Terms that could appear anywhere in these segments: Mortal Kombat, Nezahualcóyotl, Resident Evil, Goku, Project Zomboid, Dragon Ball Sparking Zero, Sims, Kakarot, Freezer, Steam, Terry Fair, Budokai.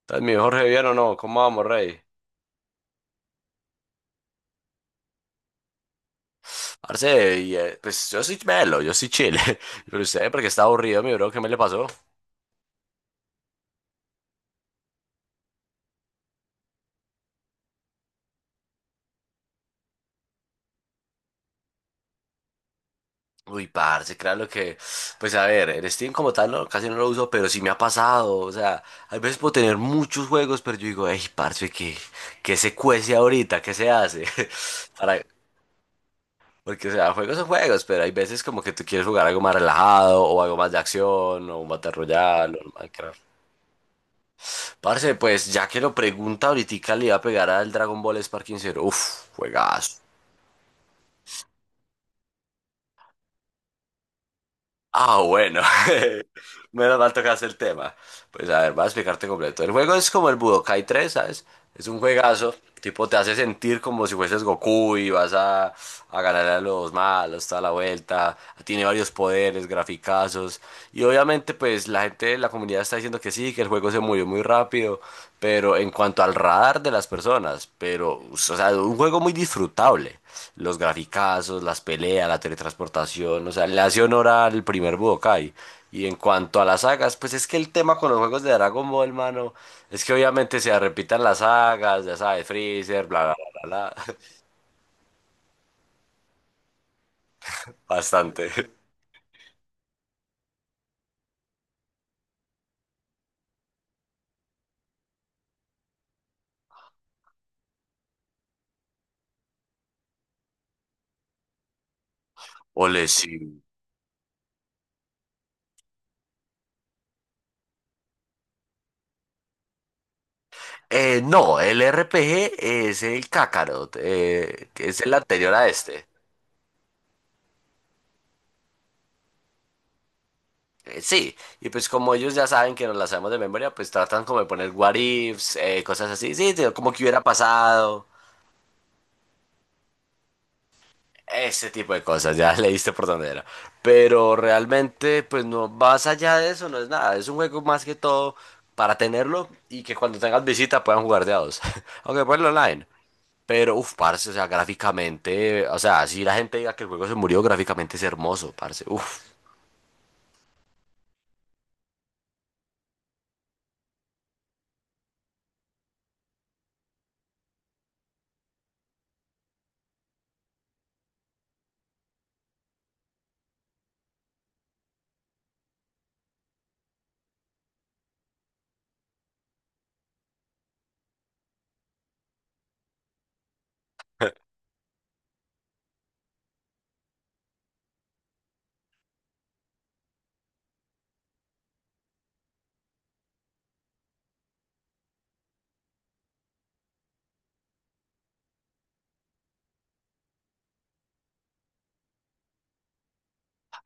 ¿Estás mi Jorge bien o no? ¿Cómo vamos, rey? Parce, y, pues yo soy melo, yo soy chile. Pero usted, porque está aburrido, mi bro, ¿qué me le pasó? Uy, parce, claro que, pues a ver, el Steam como tal no, casi no lo uso, pero sí me ha pasado, o sea, a veces puedo tener muchos juegos, pero yo digo, ey parce, ¿qué se cuece ahorita? ¿Qué se hace? Para, porque, o sea, juegos son juegos, pero hay veces como que tú quieres jugar algo más relajado, o algo más de acción, o un Battle Royale, o un Minecraft. Parce, pues ya que lo pregunta, ahorita le iba a pegar al Dragon Ball Sparking Zero. Uf, juegazo. Ah, bueno. Menos mal tocaste el tema. Pues a ver, voy a explicarte completo. El juego es como el Budokai tres, ¿sabes? Es un juegazo. Tipo, te hace sentir como si fueses Goku y vas a ganar a los malos toda la vuelta. Tiene varios poderes, graficazos. Y obviamente, pues la gente, la comunidad está diciendo que sí, que el juego se murió muy rápido. Pero en cuanto al radar de las personas, pero, o sea, un juego muy disfrutable los graficazos, las peleas, la teletransportación, o sea, le hace honor al primer Budokai. Y en cuanto a las sagas, pues es que el tema con los juegos de Dragon Ball, mano, es que obviamente se repitan las sagas, ya sabes, Freezer, bla, bla, bla, bla, bastante. Ole, sí. No, el RPG es el Kakarot, que es el anterior a este. Sí, y pues como ellos ya saben que nos la sabemos de memoria, pues tratan como de poner what ifs, cosas así, sí, sí, como que hubiera pasado. Ese tipo de cosas, ya leíste por dónde era. Pero realmente, pues no, más allá de eso, no es nada. Es un juego más que todo para tenerlo y que cuando tengas visita puedan jugar de a dos. Aunque ponlo online. Pero, uff, parce, o sea, gráficamente, o sea, si la gente diga que el juego se murió, gráficamente es hermoso, parce. Uff.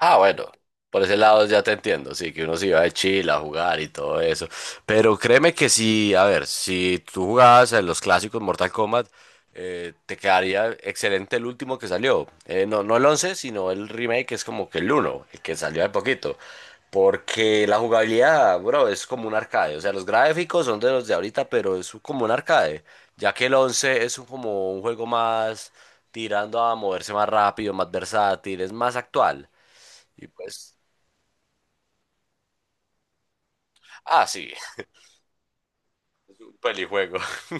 Ah, bueno, por ese lado ya te entiendo, sí, que uno se iba de Chile a jugar y todo eso. Pero créeme que sí, a ver, si tú jugabas en los clásicos Mortal Kombat, te quedaría excelente el último que salió. No, no el 11, sino el remake, que es como que el uno, el que salió hace poquito. Porque la jugabilidad, bro, es como un arcade. O sea, los gráficos son de los de ahorita, pero es como un arcade. Ya que el 11 es como un juego más tirando a moverse más rápido, más versátil, es más actual. Y pues, ah, sí, un pelijuego.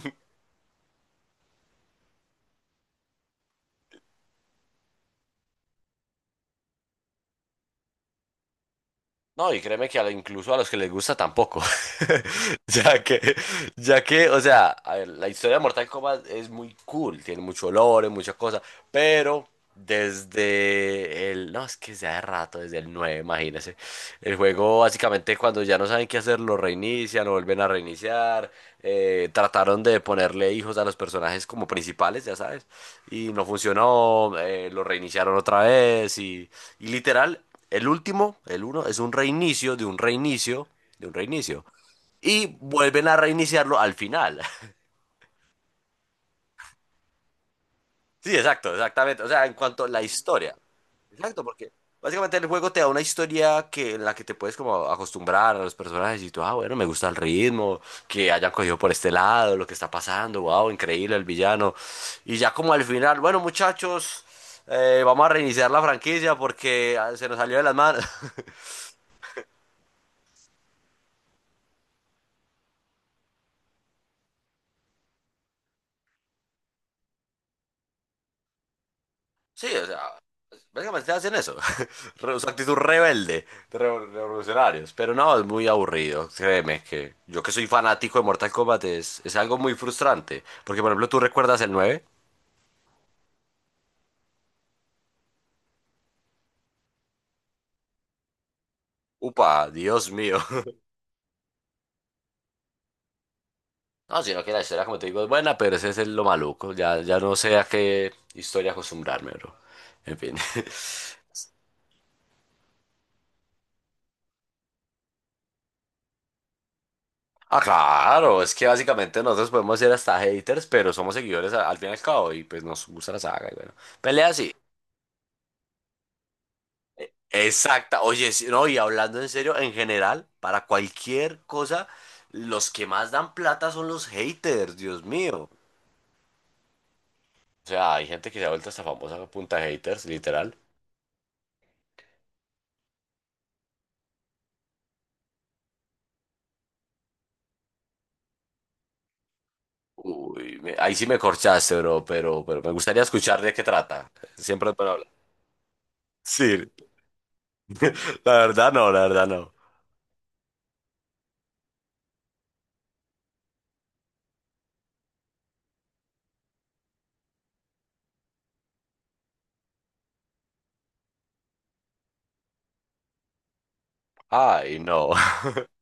No, y créeme que incluso a los que les gusta tampoco. Ya que, ya que, o sea, a ver, la historia de Mortal Kombat es muy cool, tiene mucho olor, muchas cosas, pero desde el, no, es que sea de rato, desde el 9 imagínense. El juego básicamente cuando ya no saben qué hacer, lo reinician, lo vuelven a reiniciar, trataron de ponerle hijos a los personajes como principales, ya sabes, y no funcionó, lo reiniciaron otra vez y... Y literal, el último, el uno, es un reinicio de un reinicio de un reinicio. Y vuelven a reiniciarlo al final. Sí, exacto, exactamente. O sea, en cuanto a la historia. Exacto, porque básicamente el juego te da una historia que, en la que te puedes como acostumbrar a los personajes y tú, ah, bueno, me gusta el ritmo, que hayan cogido por este lado, lo que está pasando, wow, increíble el villano. Y ya como al final, bueno, muchachos, vamos a reiniciar la franquicia porque ah, se nos salió de las manos. Sí, o sea, básicamente hacen eso. Su actitud rebelde de revolucionarios. Pero no, es muy aburrido. Créeme que yo que soy fanático de Mortal Kombat es algo muy frustrante. Porque, por ejemplo, tú recuerdas el nueve. Upa, Dios mío. No, sino que la historia, como te digo, es buena, pero ese es lo maluco. Ya, ya no sé a qué historia acostumbrarme, bro. En fin. Ah, claro, es que básicamente nosotros podemos ser hasta haters, pero somos seguidores al fin y al cabo. Y pues nos gusta la saga. Y bueno, pelea sí. Exacta. Oye, sí, no, y hablando en serio, en general, para cualquier cosa, los que más dan plata son los haters, Dios mío. O sea, hay gente que se ha vuelto hasta famosa a punta de haters, literal. Uy, ahí sí me corchaste, bro, pero me gustaría escuchar de qué trata. Siempre es bueno hablar. Sí, la verdad no, la verdad no. Ay, no.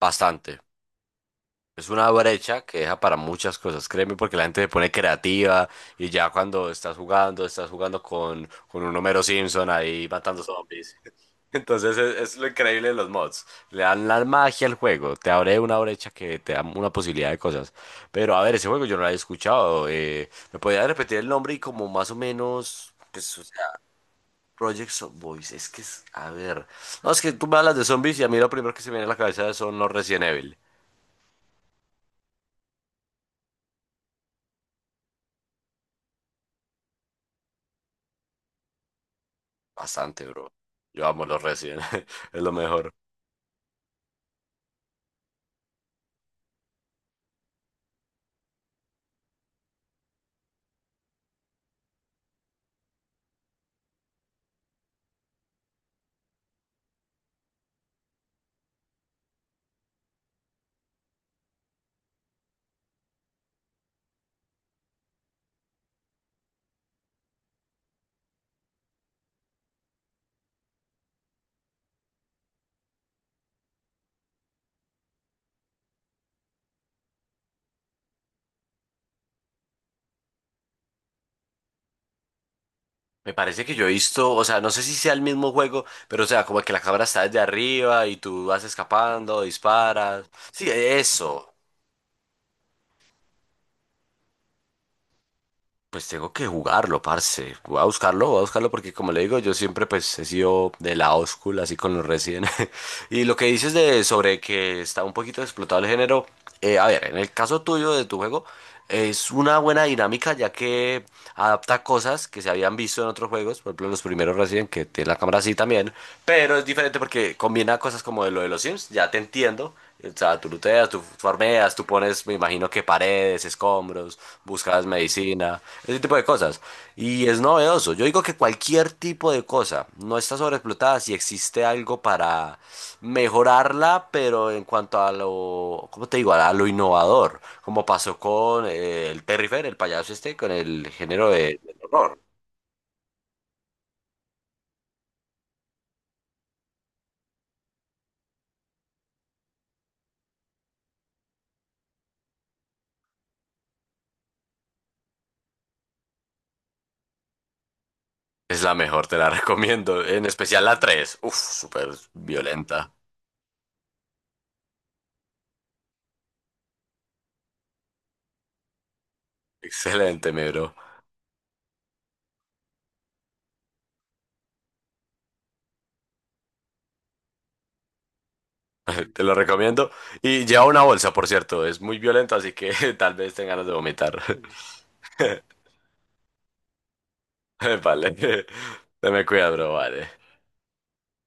Bastante. Es una brecha que deja para muchas cosas, créeme, porque la gente se pone creativa y ya cuando estás jugando con un Homero Simpson ahí matando zombies. Entonces es lo increíble de los mods. Le dan la magia al juego, te abre una brecha que te da una posibilidad de cosas. Pero a ver, ese juego yo no lo había escuchado. ¿Me podía repetir el nombre y como más o menos, pues, o sea, Project Zomboid? Es que es, a ver. No, es que tú me hablas de zombies y a mí lo primero que se me viene a la cabeza son los Resident Evil. Bastante, bro. Yo amo los Resident. Es lo mejor. Me parece que yo he visto, o sea, no sé si sea el mismo juego, pero o sea, como que la cámara está desde arriba y tú vas escapando, disparas. Sí, eso. Pues tengo que jugarlo, parce. Voy a buscarlo porque como le digo, yo siempre pues he sido de la oscula así con los Resident. Y lo que dices de sobre que está un poquito explotado el género, a ver, en el caso tuyo de tu juego, es una buena dinámica ya que adapta cosas que se habían visto en otros juegos, por ejemplo los primeros Resident que tiene la cámara así también, pero es diferente porque combina cosas como de lo de los Sims, ya te entiendo, o sea, tú looteas, tú farmeas, tú pones, me imagino que paredes, escombros, buscas medicina, ese tipo de cosas. Y es novedoso. Yo digo que cualquier tipo de cosa no está sobreexplotada si existe algo para mejorarla, pero en cuanto a lo, ¿cómo te digo? A lo innovador, como pasó con el Terry Fair, el payaso este, con el género del horror. Es la mejor, te la recomiendo, en especial la tres. Uf, súper violenta. Excelente, mi bro. Te lo recomiendo. Y lleva una bolsa, por cierto. Es muy violento, así que tal vez tengas ganas de vomitar. Vale. Te me cuidas, bro. Vale.